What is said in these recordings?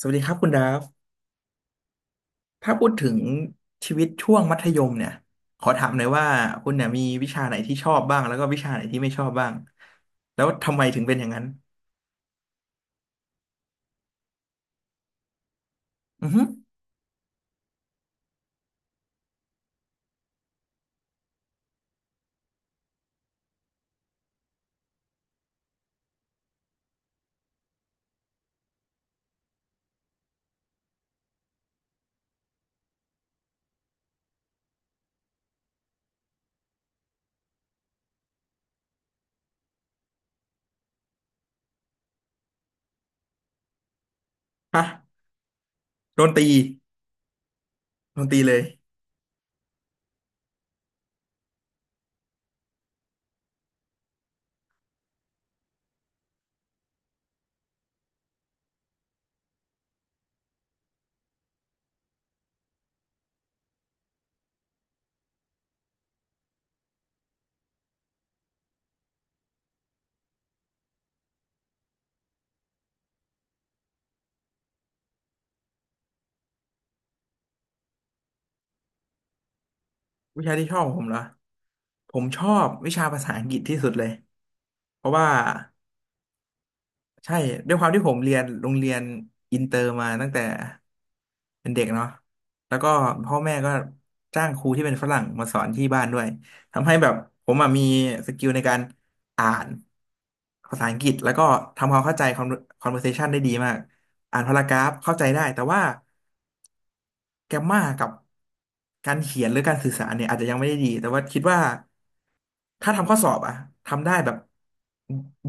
สวัสดีครับคุณดาฟถ้าพูดถึงชีวิตช่วงมัธยมเนี่ยขอถามหน่อยว่าคุณเนี่ยมีวิชาไหนที่ชอบบ้างแล้วก็วิชาไหนที่ไม่ชอบบ้างแล้วทำไมถึงเป็นอย่างนั้นอือฮึฮะโดนตีโดนตีเลยวิชาที่ชอบของผมเหรอผมชอบวิชาภาษาอังกฤษที่สุดเลยเพราะว่า ใช่ด้วยความที่ผมเรียนโรงเรียนอินเตอร์มาตั้งแต่เป็นเด็กเนาะแล้วก็พ่อแม่ก็จ้างครูที่เป็นฝรั่งมาสอนที่บ้านด้วยทำให้แบบผมอะมีสกิลในการอ่านภาษาอังกฤษแล้วก็ทำความเข้าใจ conversation ได้ดีมากอ่านพารากราฟเข้าใจได้แต่ว่า แกมมากับการเขียนหรือการสื่อสารเนี่ยอาจจะยังไม่ได้ดีแต่ว่าคิดว่าถ้าทำข้อสอบอะทำได้แบบ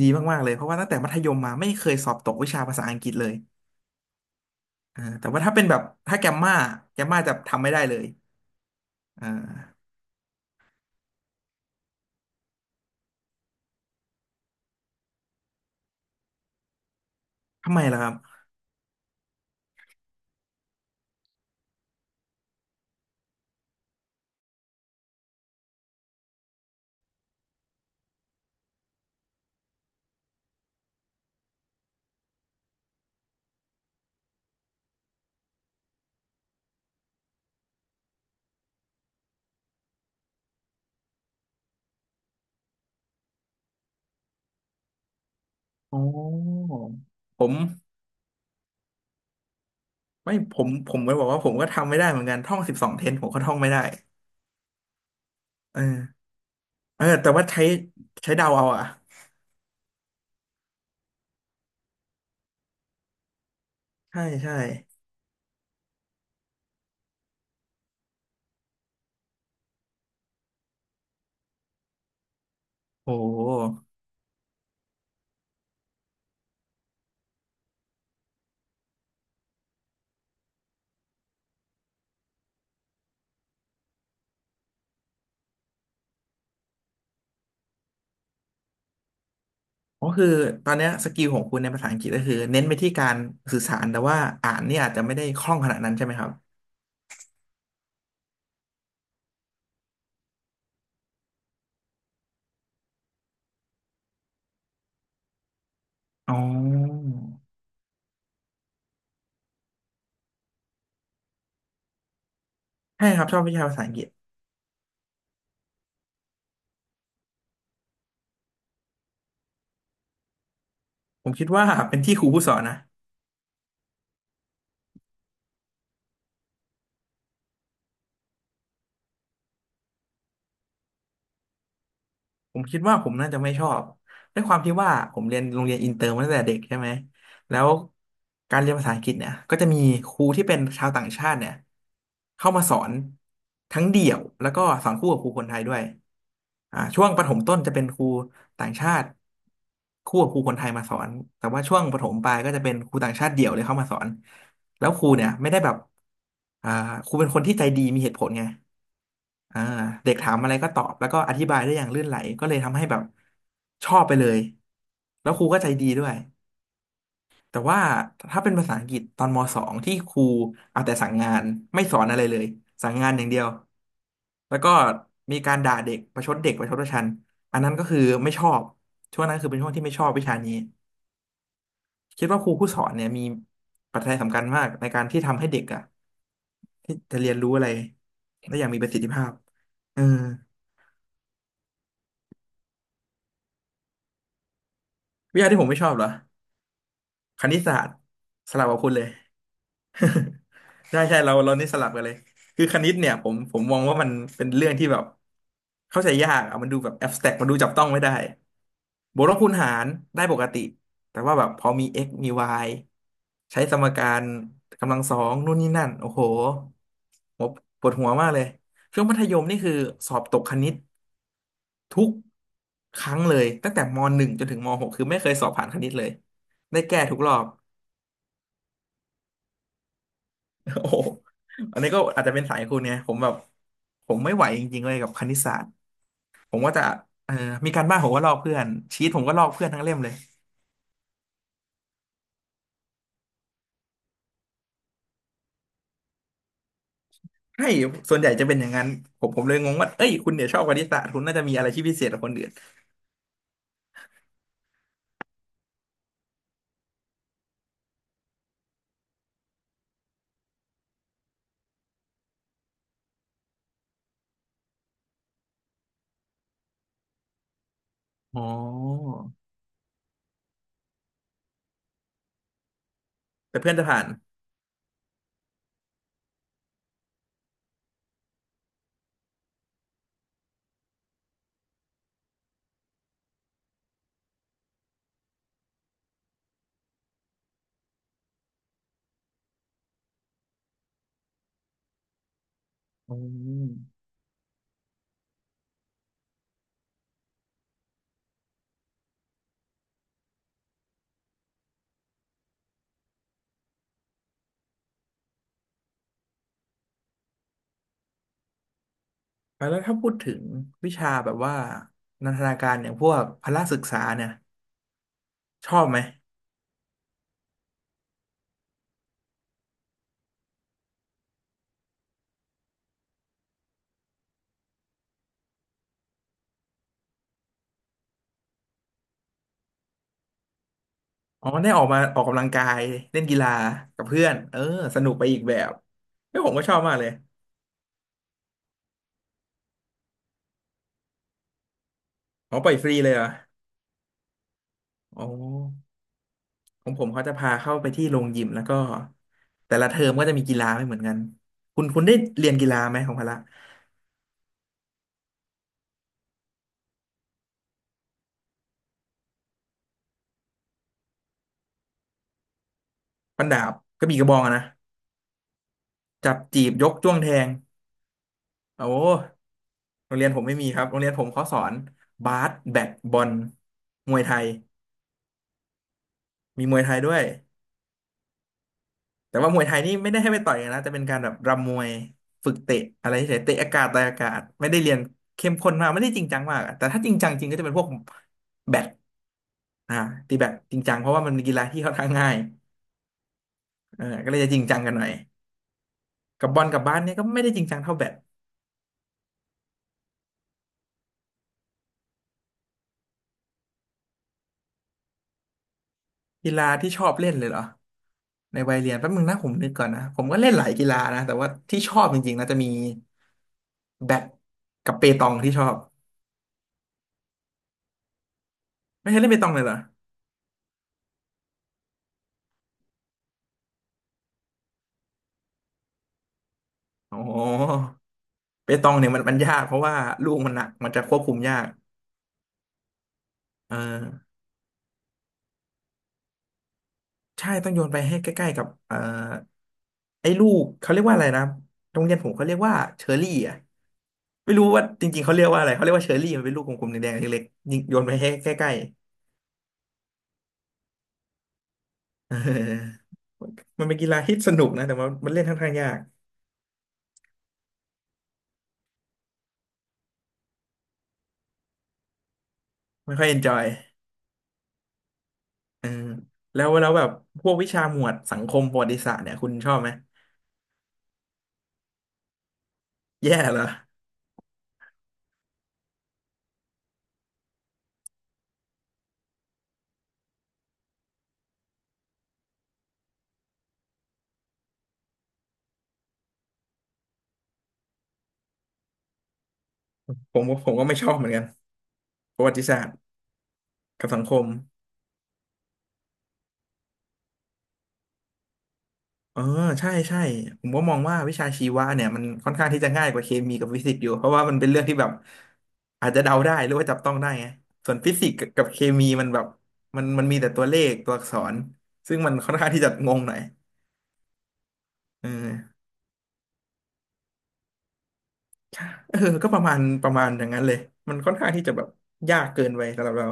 ดีมากๆเลยเพราะว่าตั้งแต่มัธยมมาไม่เคยสอบตกวิชาภาษาอังกฤษเลยอ่าแต่ว่าถ้าเป็นแบบถ้าแกมมาแกมมาจะทำไม่ได้เลยอ่าทำไมล่ะครับโอ้ผมไม่ผมก็บอกว่าผมก็ทำไม่ได้เหมือนกันท่อง12เทนผมก็ท่องไม่ได้เออเออแต่ว่าใช้เดาเอาอะใช่ใช่โอ้ ก็คือตอนเนี้ยสกิลของคุณในภาษาอังกฤษก็คือเน้นไปที่การสื่อสารแต่ว่าอ่านเนี่ยอาจจะไม่ได้คล่องขนาดนั้นใช่ไหมครับอ๋อใช่ครับชอบวิชาภาษาอังกฤษผมคิดว่าเป็นที่ครูผู้สอนนะ ผมคิดว่าผมน่าจะไม่ชอบด้วยความที่ว่าผมเรียนโรงเรียนอินเตอร์มาตั้งแต่เด็กใช่ไหมแล้วการเรียนภาษาอังกฤษเนี่ยก็จะมีครูที่เป็นชาวต่างชาติเนี่ยเข้ามาสอนทั้งเดี่ยวแล้วก็สอนคู่กับครูคนไทยด้วยอ่าช่วงประถมต้นจะเป็นครูต่างชาติคู่กับครูคนไทยมาสอนแต่ว่าช่วงประถมปลายก็จะเป็นครูต่างชาติเดี่ยวเลยเข้ามาสอนแล้วครูเนี่ยไม่ได้แบบอ่าครูเป็นคนที่ใจดีมีเหตุผลไง อ่าเด็กถามอะไรก็ตอบแล้วก็อธิบายได้อย่างลื่นไหลก็เลยทำให้แบบชอบไปเลยแล้วครูก็ใจดีด้วยแต่ว่าถ้าเป็นภาษาอังกฤษตอนมสองที่ครูเอาแต่สั่งงานไม่สอนอะไรเลยสั่งงานอย่างเดียวแล้วก็มีการด่าเด็กประชดเด็กประชดประชันอันนั้นก็คือไม่ชอบช่วงนั้นคือเป็นช่วงที่ไม่ชอบวิชานี้คิดว่าครูผู้สอนเนี่ยมีปัจจัยสำคัญมากในการที่ทำให้เด็กอะที่จะเรียนรู้อะไรได้อย่างมีประสิทธิภาพเออ วิชาที่ผมไม่ชอบเหรอคณิตศาสตร์สลับกับคุณเลย ใช่ใช่เรานี่สลับกันเลยคือคณิตเนี่ยผมมองว่ามันเป็นเรื่องที่แบบเข้าใจยากอะมันดูแบบแอบสแต็กมันดูจับต้องไม่ได้บวกลบคูณหารได้ปกติแต่ว่าแบบพอมี x มี y ใช้สมการกำลังสองนู่นนี่นั่นโอ้โหหมปวดหัวมากเลยช่วงมัธยมนี่คือสอบตกคณิต ทุกครั้งเลยตั้งแต่มหนึ่งจนถึงมหกคือไม่เคยสอบผ่านคณิตเลยได้แก้ทุกรอบ โอ้โหอันนี้ก็อาจจะเป็นสายคุณเนี่ยผมแบบผมไม่ไหวจริงๆเลยกับคณิตศาสตร์ผมก็จะเอ่อมีการบ้านผมก็ลอกเพื่อนชีตผมก็ลอกเพื่อนทั้งเล่มเลยใช่ส่วนใหญ่จะเป็นอย่างนั้นผมเลยงงว่าเอ้ยคุณเนี่ยชอบคณิตศาสตร์คุณน่าจะมีอะไรที่พิเศษกว่าคนอื่นอ๋อแต่เพื่อนจะผ่านอืมแล้วถ้าพูดถึงวิชาแบบว่านันทนาการอย่างพวกพละศึกษาเนี่ยชอบไหม อ๋อได้ออกมาออกกำลังกายเล่นกีฬากับเพื่อนเออสนุกไปอีกแบบเฮ้ยผมก็ชอบมากเลยอ๋อปล่อยฟรีเลยเหรออ๋อของผมเขาจะพาเข้าไปที่โรงยิมแล้วก็แต่ละเทอมก็จะมีกีฬาไม่เหมือนกัน คุณได้เรียนกีฬาไหมของพละฟันดาบกระบี่กระบองอะนะ จับจีบยกจ้วงแทงโอ้โรงเรียนผมไม่มีครับโรงเรียนผมเขาสอนบาสแบดบอลมวยไทย มีมวยไทยด้วย แต่ว่ามวยไทยนี่ไม่ได้ให้ไปต่อยกันนะแต่เป็นการแบบรำมวยฝึกเตะอะไรเฉยๆเตะอากาศต่อยอากาศไม่ได้เรียนเข้มข้นมากไม่ได้จริงจังมากอะแต่ถ้าจริงจังจริงก็จะเป็นพวกแบดอ่าตีแบดจริงจังเพราะว่ามันเป็นกีฬาที่ค่อนข้างง่ายเออก็เลยจะจริงจังกันหน่อยกับบอลกับบาสเนี่ยก็ไม่ได้จริงจังเท่าแบดกีฬาที่ชอบเล่นเลยเหรอในวัยเรียนแป๊บนึงนะผมนึกก่อนนะผมก็เล่นหลายกีฬานะแต่ว่าที่ชอบจริงๆนะจะมีแบดกับเปตองที่ชอบไม่เคยเล่นเปตองเลยเหรอโอ้โห เปตองเนี่ยมันยากเพราะว่าลูกมันหนักมันจะควบคุมยากเออใช่ต้องโยนไปให้ใกล้ๆกับไอ้ลูกเขาเรียกว่าอะไรนะโรงเรียนผมเขาเรียกว่าเชอรี่อ่ะไม่รู้ว่าจริงๆเขาเรียกว่าอะไรเขาเรียกว่าเชอรี่มันเป็นลูกกลมๆแดงๆเล็กๆยิงโยนไปให้ใกล้ๆเออมันเป็นกีฬาที่สนุกนะแต่ว่ามันเล่นค่อนข้างยากไม่ค่อยเอนจอยเออแล้วแบบพวกวิชาหมวดสังคมประวัติศาสตร์เนี่ยคุณชอบไหมแย่เหรอผมก็ไม่ชอบเหมือนกันประวัติศาสตร์กับสังคม เออใช่ใช่ผมก็มองว่าวิชาชีวะเนี่ยมันค่อนข้างที่จะง่ายกว่าเคมีกับฟิสิกส์อยู่เพราะว่ามันเป็นเรื่องที่แบบอาจจะเดาได้หรือว่าจับต้องได้ไงส่วนฟิสิกส์กับเคมีมันแบบมันมีแต่ตัวเลขตัวอักษรซึ่งมันค่อนข้างที่จะงงหน่อยเออใช่เออก็ประมาณอย่างนั้นเลยมันค่อนข้างที่จะแบบยากเกินไปสำหรับเรา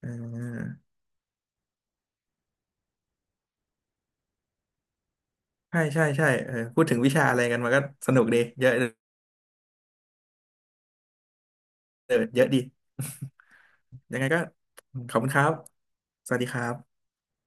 เออใช่ใช่ใช่เออพูดถึงวิชาอะไรกันมันก็สนุกดีเยอะเออเยอะดี ยังไงก็ขอบคุณครับสวัสดีครับ